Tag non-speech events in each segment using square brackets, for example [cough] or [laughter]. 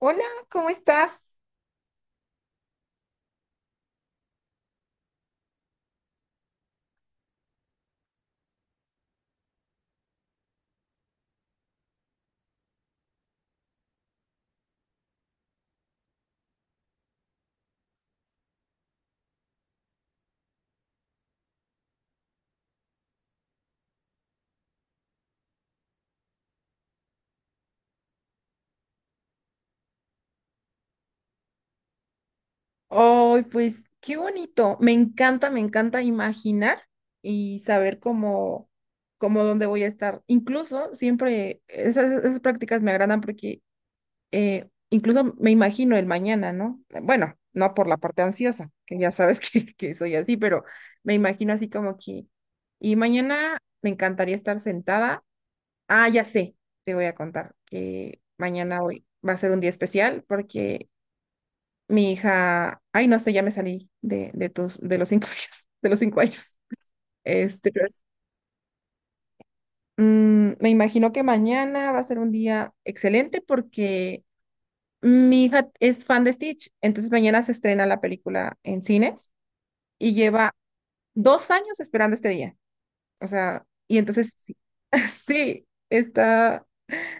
Hola, ¿cómo estás? Ay, pues qué bonito. Me encanta imaginar y saber cómo, cómo dónde voy a estar. Incluso siempre esas, esas prácticas me agradan porque incluso me imagino el mañana, ¿no? Bueno, no por la parte ansiosa, que ya sabes [laughs] que soy así, pero me imagino así como que. Y mañana me encantaría estar sentada. Ah, ya sé, te voy a contar que mañana hoy va a ser un día especial porque mi hija, ay, no sé, ya me salí de tus, de los 5 [laughs] días, de los cinco años. Este, pero me imagino que mañana va a ser un día excelente porque mi hija es fan de Stitch, entonces mañana se estrena la película en cines y lleva 2 años esperando este día. O sea, y entonces sí, [laughs] sí, está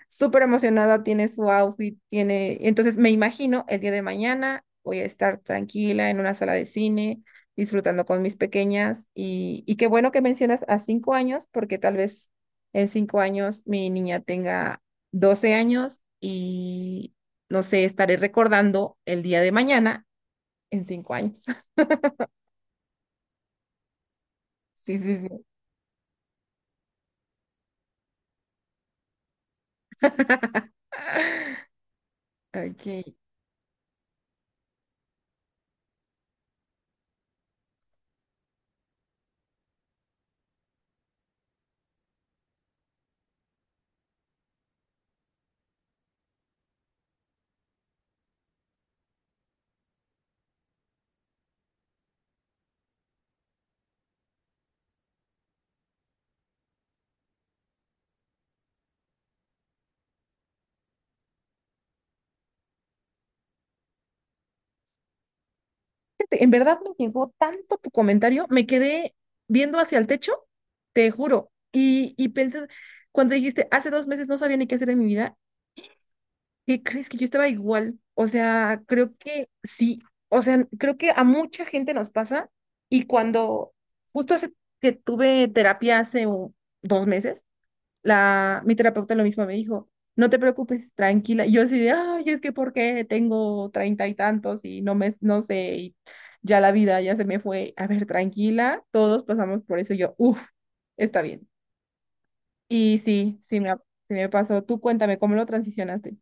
súper emocionada, tiene su outfit, tiene, entonces me imagino el día de mañana voy a estar tranquila en una sala de cine, disfrutando con mis pequeñas y qué bueno que mencionas a 5 años, porque tal vez en 5 años mi niña tenga 12 años y no sé, estaré recordando el día de mañana en 5 años. [laughs] Sí, sí, sí. [laughs] Ok. En verdad me llegó tanto tu comentario, me quedé viendo hacia el techo, te juro, y pensé, cuando dijiste, hace 2 meses no sabía ni qué hacer en mi vida, ¿qué crees que yo estaba igual? O sea, creo que sí, o sea, creo que a mucha gente nos pasa y cuando justo hace que tuve terapia dos meses, la, mi terapeuta lo mismo me dijo, no te preocupes, tranquila. Y yo así de, ay, es que por qué tengo treinta y tantos y no me, no sé, y ya la vida ya se me fue. A ver, tranquila, todos pasamos por eso. Y yo, uff, está bien. Y sí, sí me pasó. Tú cuéntame, ¿cómo lo transicionaste?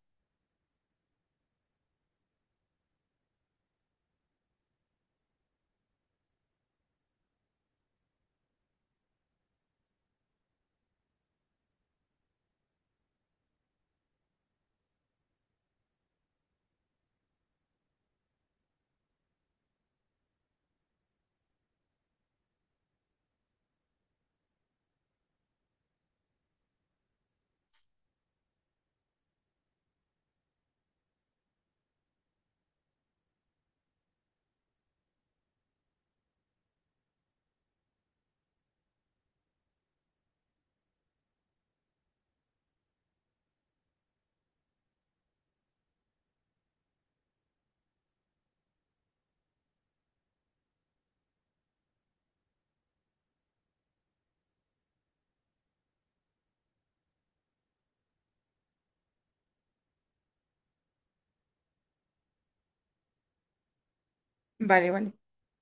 Vale, vale.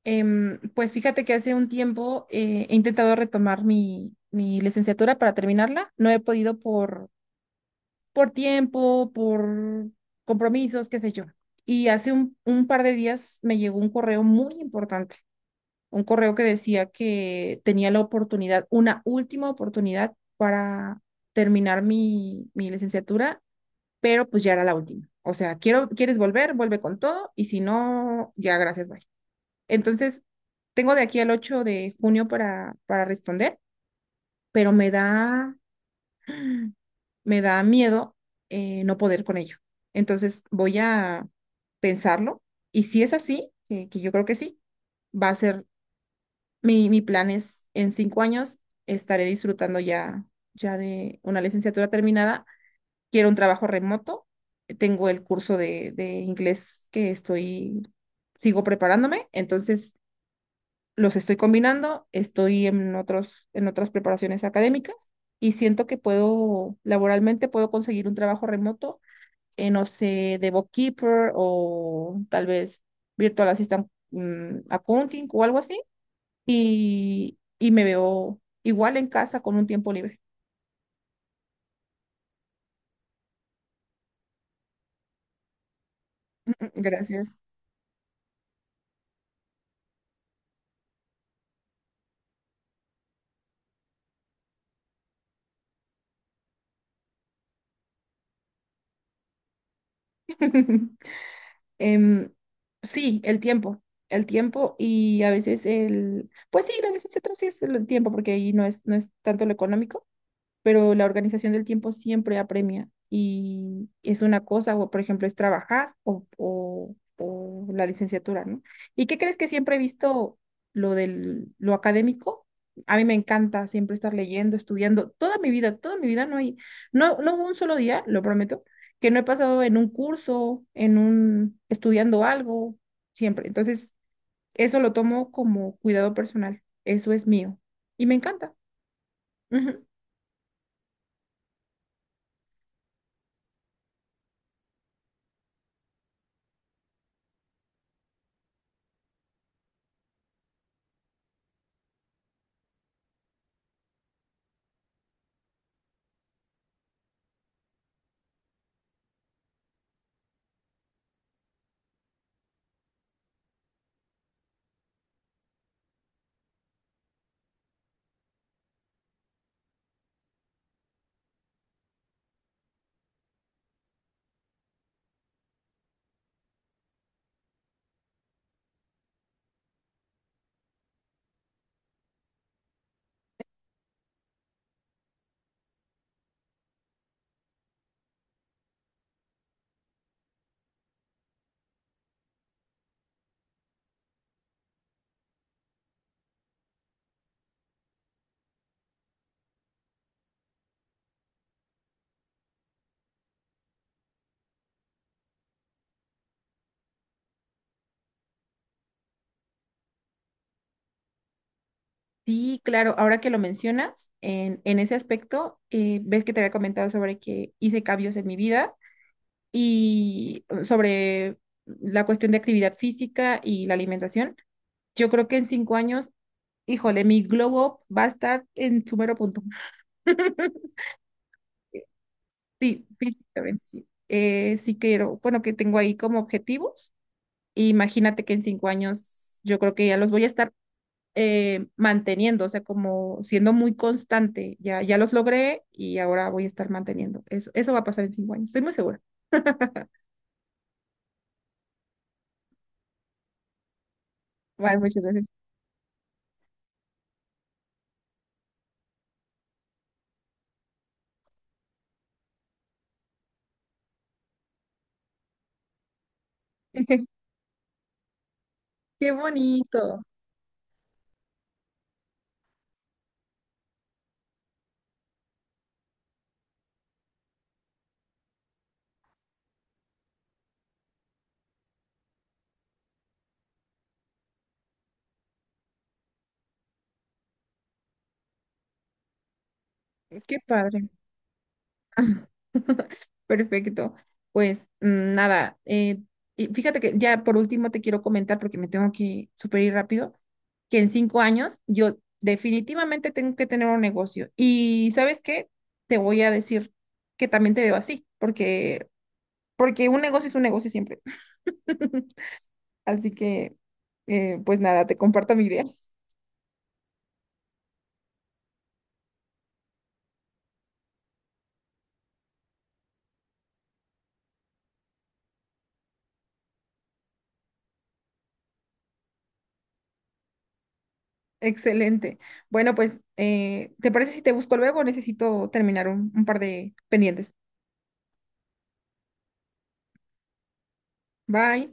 Em, pues fíjate que hace un tiempo he intentado retomar mi, mi licenciatura para terminarla. No he podido por tiempo, por compromisos, qué sé yo. Y hace un par de días me llegó un correo muy importante, un correo que decía que tenía la oportunidad, una última oportunidad para terminar mi, mi licenciatura, pero pues ya era la última. O sea, quiero, quieres volver, vuelve con todo y si no, ya gracias, bye. Entonces, tengo de aquí al 8 de junio para responder, pero me da miedo no poder con ello. Entonces voy a pensarlo y si es así, que yo creo que sí, va a ser mi, mi plan es en 5 años estaré disfrutando ya, ya de una licenciatura terminada. Quiero un trabajo remoto. Tengo el curso de inglés que estoy, sigo preparándome. Entonces, los estoy combinando, estoy en otros, en otras preparaciones académicas y siento que puedo, laboralmente puedo conseguir un trabajo remoto, no sé, de bookkeeper o tal vez virtual assistant accounting o algo así. Y me veo igual en casa con un tiempo libre. [laughs] Gracias. [laughs] Em, sí, el tiempo. El tiempo y a veces el, pues sí, la necesidad sí es el tiempo, porque ahí no es, no es tanto lo económico pero la organización del tiempo siempre apremia y es una cosa, o por ejemplo, es trabajar o la licenciatura, ¿no? ¿Y qué crees que siempre he visto lo del, lo académico? A mí me encanta siempre estar leyendo, estudiando, toda mi vida no hay, no, no hubo un solo día, lo prometo, que no he pasado en un curso, en un, estudiando algo, siempre. Entonces, eso lo tomo como cuidado personal, eso es mío y me encanta. Ujú. Sí, claro, ahora que lo mencionas, en ese aspecto, ves que te había comentado sobre que hice cambios en mi vida y sobre la cuestión de actividad física y la alimentación. Yo creo que en 5 años, híjole, mi glow up va a estar en su mero punto. [laughs] Sí, físicamente sí. Sí quiero, bueno, que tengo ahí como objetivos. Imagínate que en 5 años yo creo que ya los voy a estar manteniendo, o sea, como siendo muy constante. Ya, ya los logré y ahora voy a estar manteniendo. Eso va a pasar en 5 años, estoy muy segura. Ay, muchas gracias. [laughs] Qué bonito, qué padre. [laughs] Perfecto. Pues nada, y fíjate que ya por último te quiero comentar, porque me tengo que super ir rápido, que en cinco años yo definitivamente tengo que tener un negocio. Y ¿sabes qué? Te voy a decir que también te veo así, porque porque un negocio es un negocio siempre. [laughs] Así que, pues nada, te comparto mi idea. Excelente. Bueno, pues, ¿te parece si te busco luego? Necesito terminar un par de pendientes. Bye.